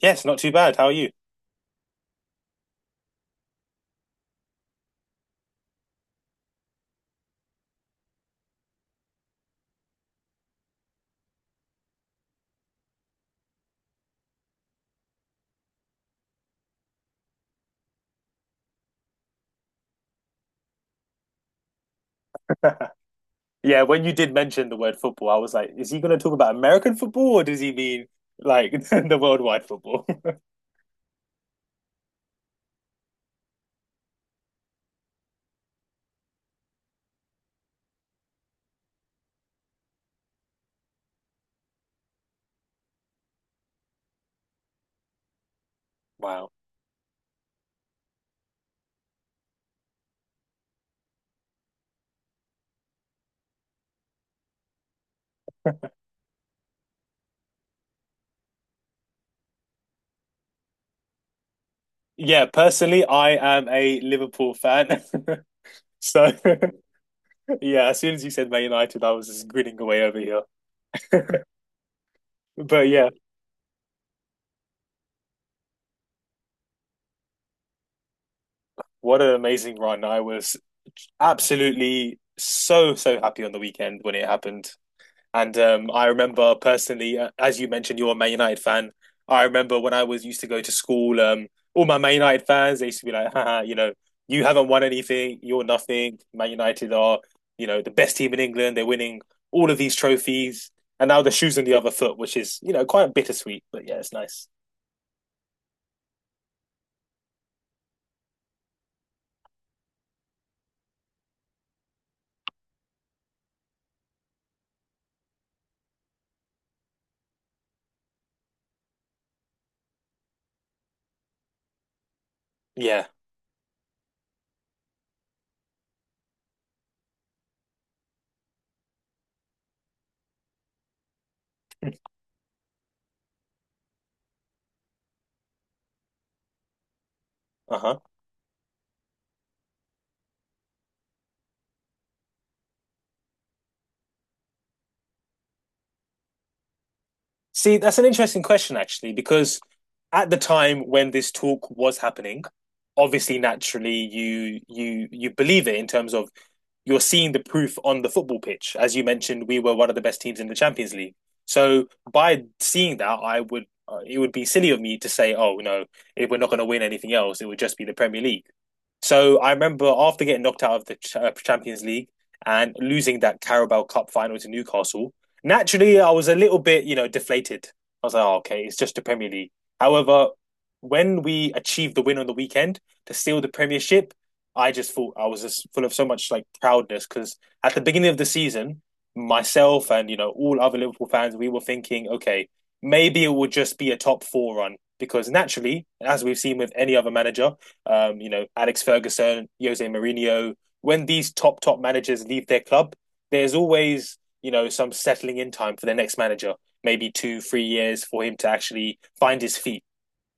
Yes, not too bad. How are you? Yeah, when you did mention the word football, I was like, is he going to talk about American football or does he mean like the worldwide football? Wow. Yeah, personally, I am a Liverpool fan. So, yeah, as soon as you said Man United, I was just grinning away over here. But yeah, what an amazing run. I was absolutely so, so happy on the weekend when it happened. And I remember personally, as you mentioned, you're a Man United fan. I remember when I was used to go to school, all my Man United fans, they used to be like, haha, you haven't won anything, you're nothing. Man United are the best team in England. They're winning all of these trophies. And now the shoe's on the other foot, which is quite bittersweet, but yeah, it's nice. Yeah. Uh-huh. See, that's an interesting question, actually, because at the time when this talk was happening, obviously, naturally, you believe it in terms of you're seeing the proof on the football pitch. As you mentioned, we were one of the best teams in the Champions League. So by seeing that, I would it would be silly of me to say, oh no, if we're not going to win anything else, it would just be the Premier League. So I remember after getting knocked out of the Champions League and losing that Carabao Cup final to Newcastle. Naturally, I was a little bit, deflated. I was like, oh, okay, it's just the Premier League. However, when we achieved the win on the weekend to steal the Premiership, I just thought I was just full of so much like proudness because at the beginning of the season, myself and all other Liverpool fans, we were thinking, okay, maybe it will just be a top four run because naturally, as we've seen with any other manager, Alex Ferguson, Jose Mourinho, when these top managers leave their club, there's always some settling in time for their next manager, maybe two, 3 years for him to actually find his feet.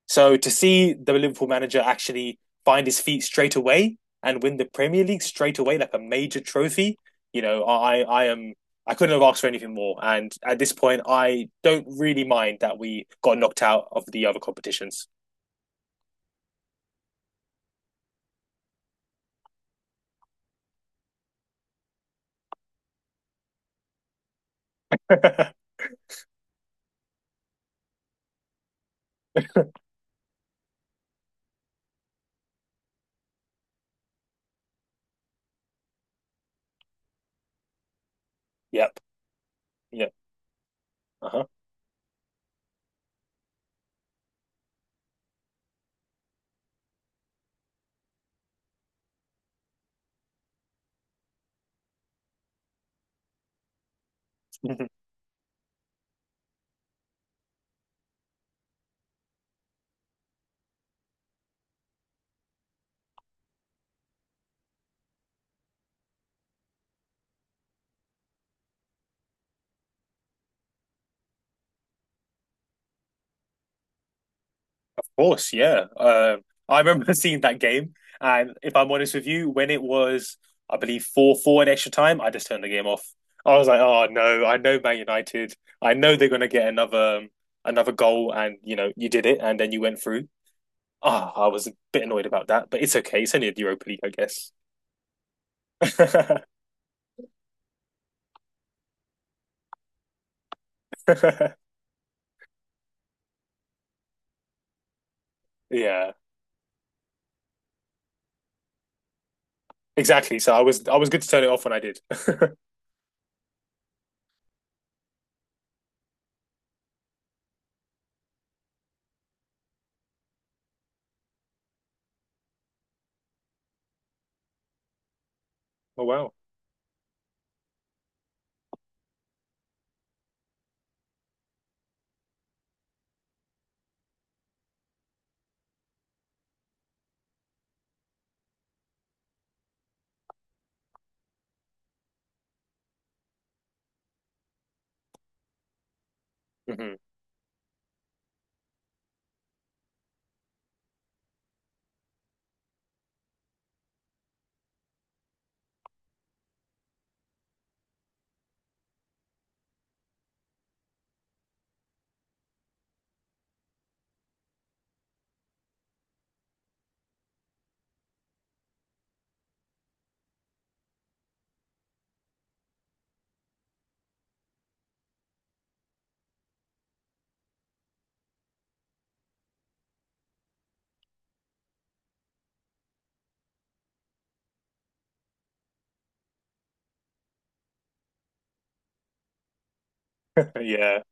So to see the Liverpool manager actually find his feet straight away and win the Premier League straight away, like a major trophy, you know, I, I am I couldn't have asked for anything more. And at this point, I don't really mind that we got knocked out of the other competitions. Yep. Yep. Uh huh. Course, yeah. I remember seeing that game, and if I'm honest with you, when it was, I believe 4-4 in extra time, I just turned the game off. I was like, oh no, I know Man United. I know they're gonna get another goal, and you did it, and then you went through. Ah, I was a bit annoyed about that, but it's okay. It's only a Europa League, I guess. Yeah, exactly. So I was good to turn it off when I did. Oh wow. Hmm. Yeah.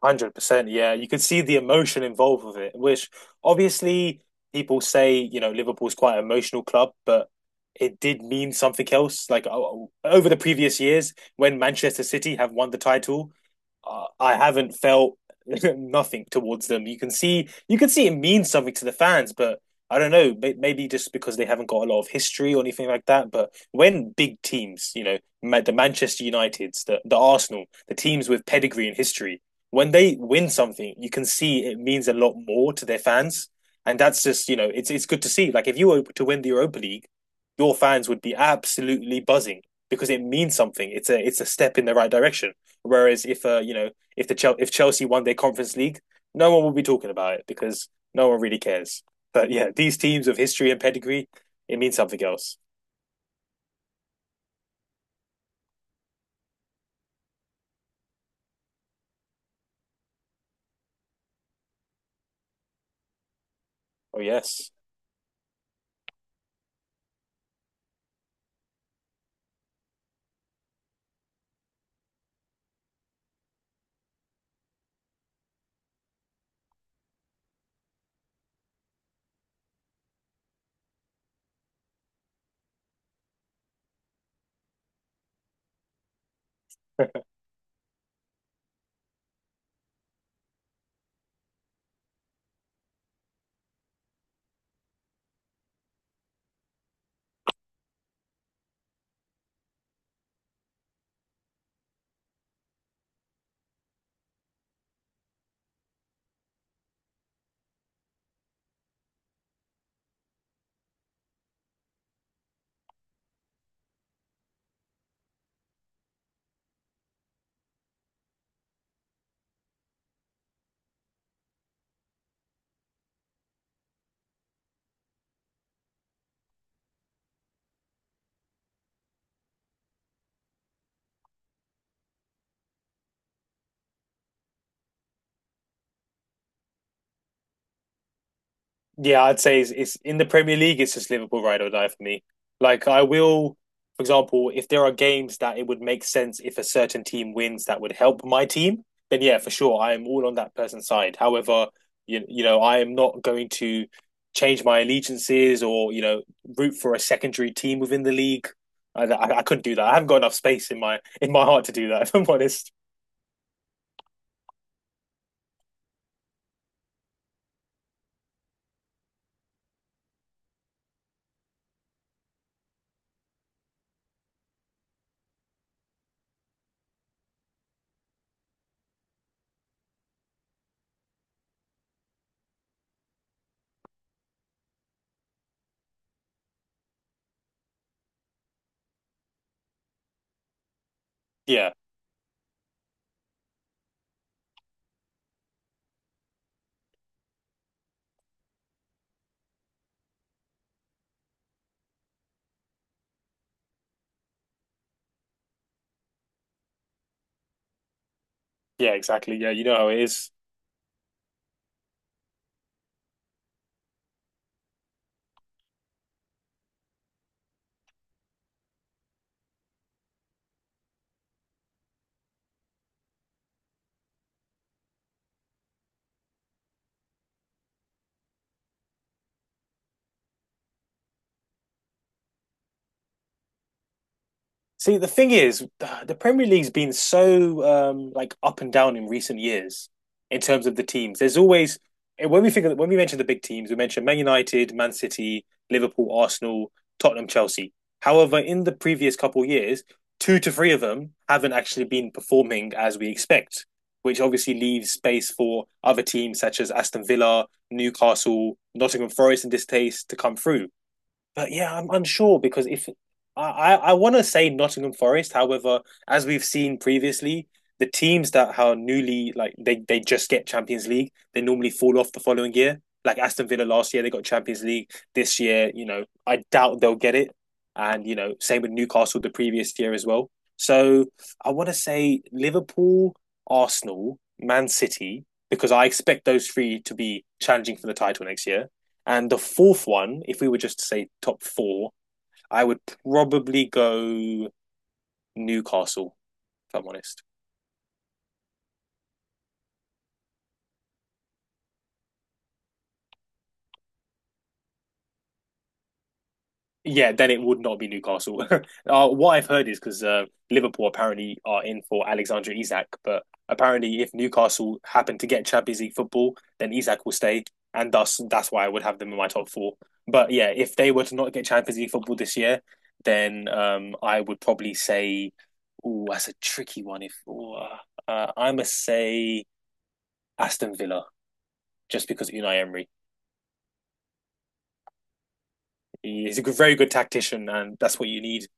100%, yeah. You could see the emotion involved with it, which obviously people say, Liverpool's quite an emotional club, but it did mean something else. Like over the previous years, when Manchester City have won the title, I haven't felt nothing towards them. You can see it means something to the fans, but I don't know, maybe just because they haven't got a lot of history or anything like that. But when big teams, the Manchester Uniteds, the Arsenal, the teams with pedigree and history, when they win something, you can see it means a lot more to their fans, and that's just it's good to see. Like if you were to win the Europa League, your fans would be absolutely buzzing because it means something. It's a step in the right direction. Whereas if you know if the Chel- if Chelsea won their Conference League, no one will be talking about it because no one really cares. But yeah, these teams of history and pedigree, it means something else. Oh yes. Yeah, I'd say it's in the Premier League. It's just Liverpool ride or die for me. Like I will, for example, if there are games that it would make sense if a certain team wins that would help my team, then yeah, for sure, I am all on that person's side. However, I am not going to change my allegiances or root for a secondary team within the league. I couldn't do that. I haven't got enough space in my heart to do that. If I'm honest. Yeah, yeah, exactly. Yeah, you know how it is. See, the thing is, the Premier League's been so like up and down in recent years in terms of the teams. There's always when we mention the big teams, we mention Man United, Man City, Liverpool, Arsenal, Tottenham, Chelsea. However, in the previous couple of years, two to three of them haven't actually been performing as we expect, which obviously leaves space for other teams such as Aston Villa, Newcastle, Nottingham Forest in this case to come through. But yeah, I'm unsure because if I want to say Nottingham Forest, however, as we've seen previously, the teams that are newly like they just get Champions League, they normally fall off the following year. Like Aston Villa last year, they got Champions League. This year, I doubt they'll get it. And same with Newcastle the previous year as well. So I want to say Liverpool, Arsenal, Man City, because I expect those three to be challenging for the title next year. And the fourth one, if we were just to say top four, I would probably go Newcastle, if I'm honest. Yeah, then it would not be Newcastle. What I've heard is because Liverpool apparently are in for Alexander Isak, but apparently if Newcastle happen to get Champions League football, then Isak will stay, and thus that's why I would have them in my top four. But yeah, if they were to not get Champions League football this year, then I would probably say, oh, that's a tricky one. If ooh, I must say Aston Villa just because Unai Emery. He's a very good tactician, and that's what you need.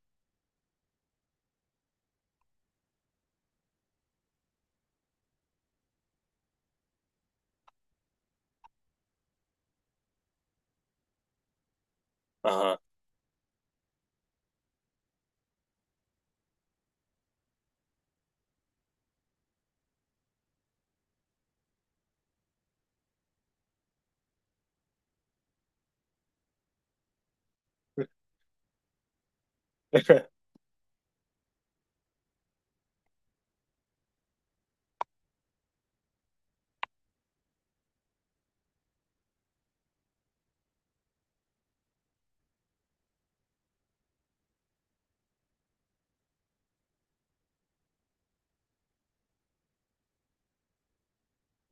Uh huh.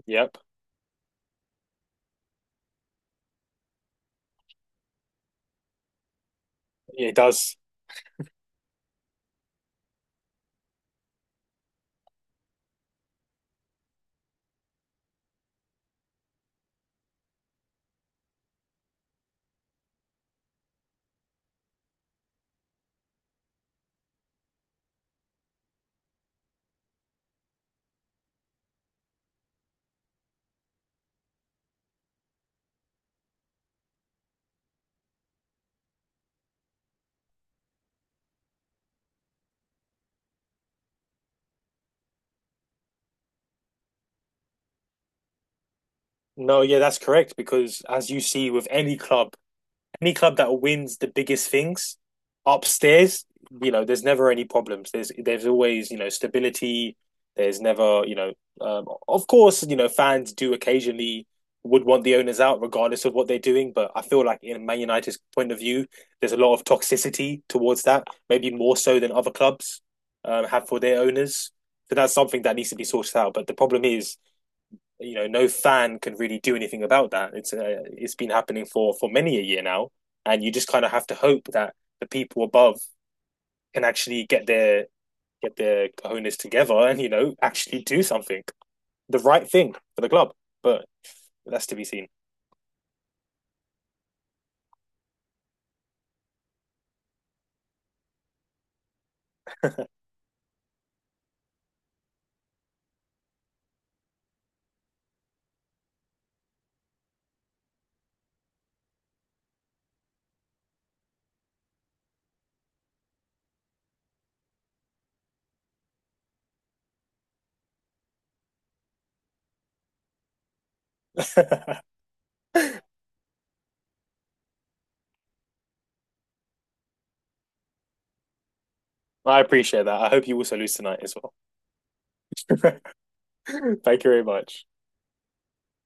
Yep. It does. No, yeah, that's correct. Because as you see with any club that wins the biggest things upstairs, there's never any problems. There's always, stability. There's never, you know, of course, fans do occasionally would want the owners out regardless of what they're doing, but I feel like in Man United's point of view, there's a lot of toxicity towards that, maybe more so than other clubs have for their owners. So that's something that needs to be sorted out. But the problem is no fan can really do anything about that. It's been happening for many a year now, and you just kind of have to hope that the people above can actually get their cojones together, and actually do something, the right thing for the club, but that's to be seen. I appreciate that. I hope you also lose tonight as well. Thank you very much.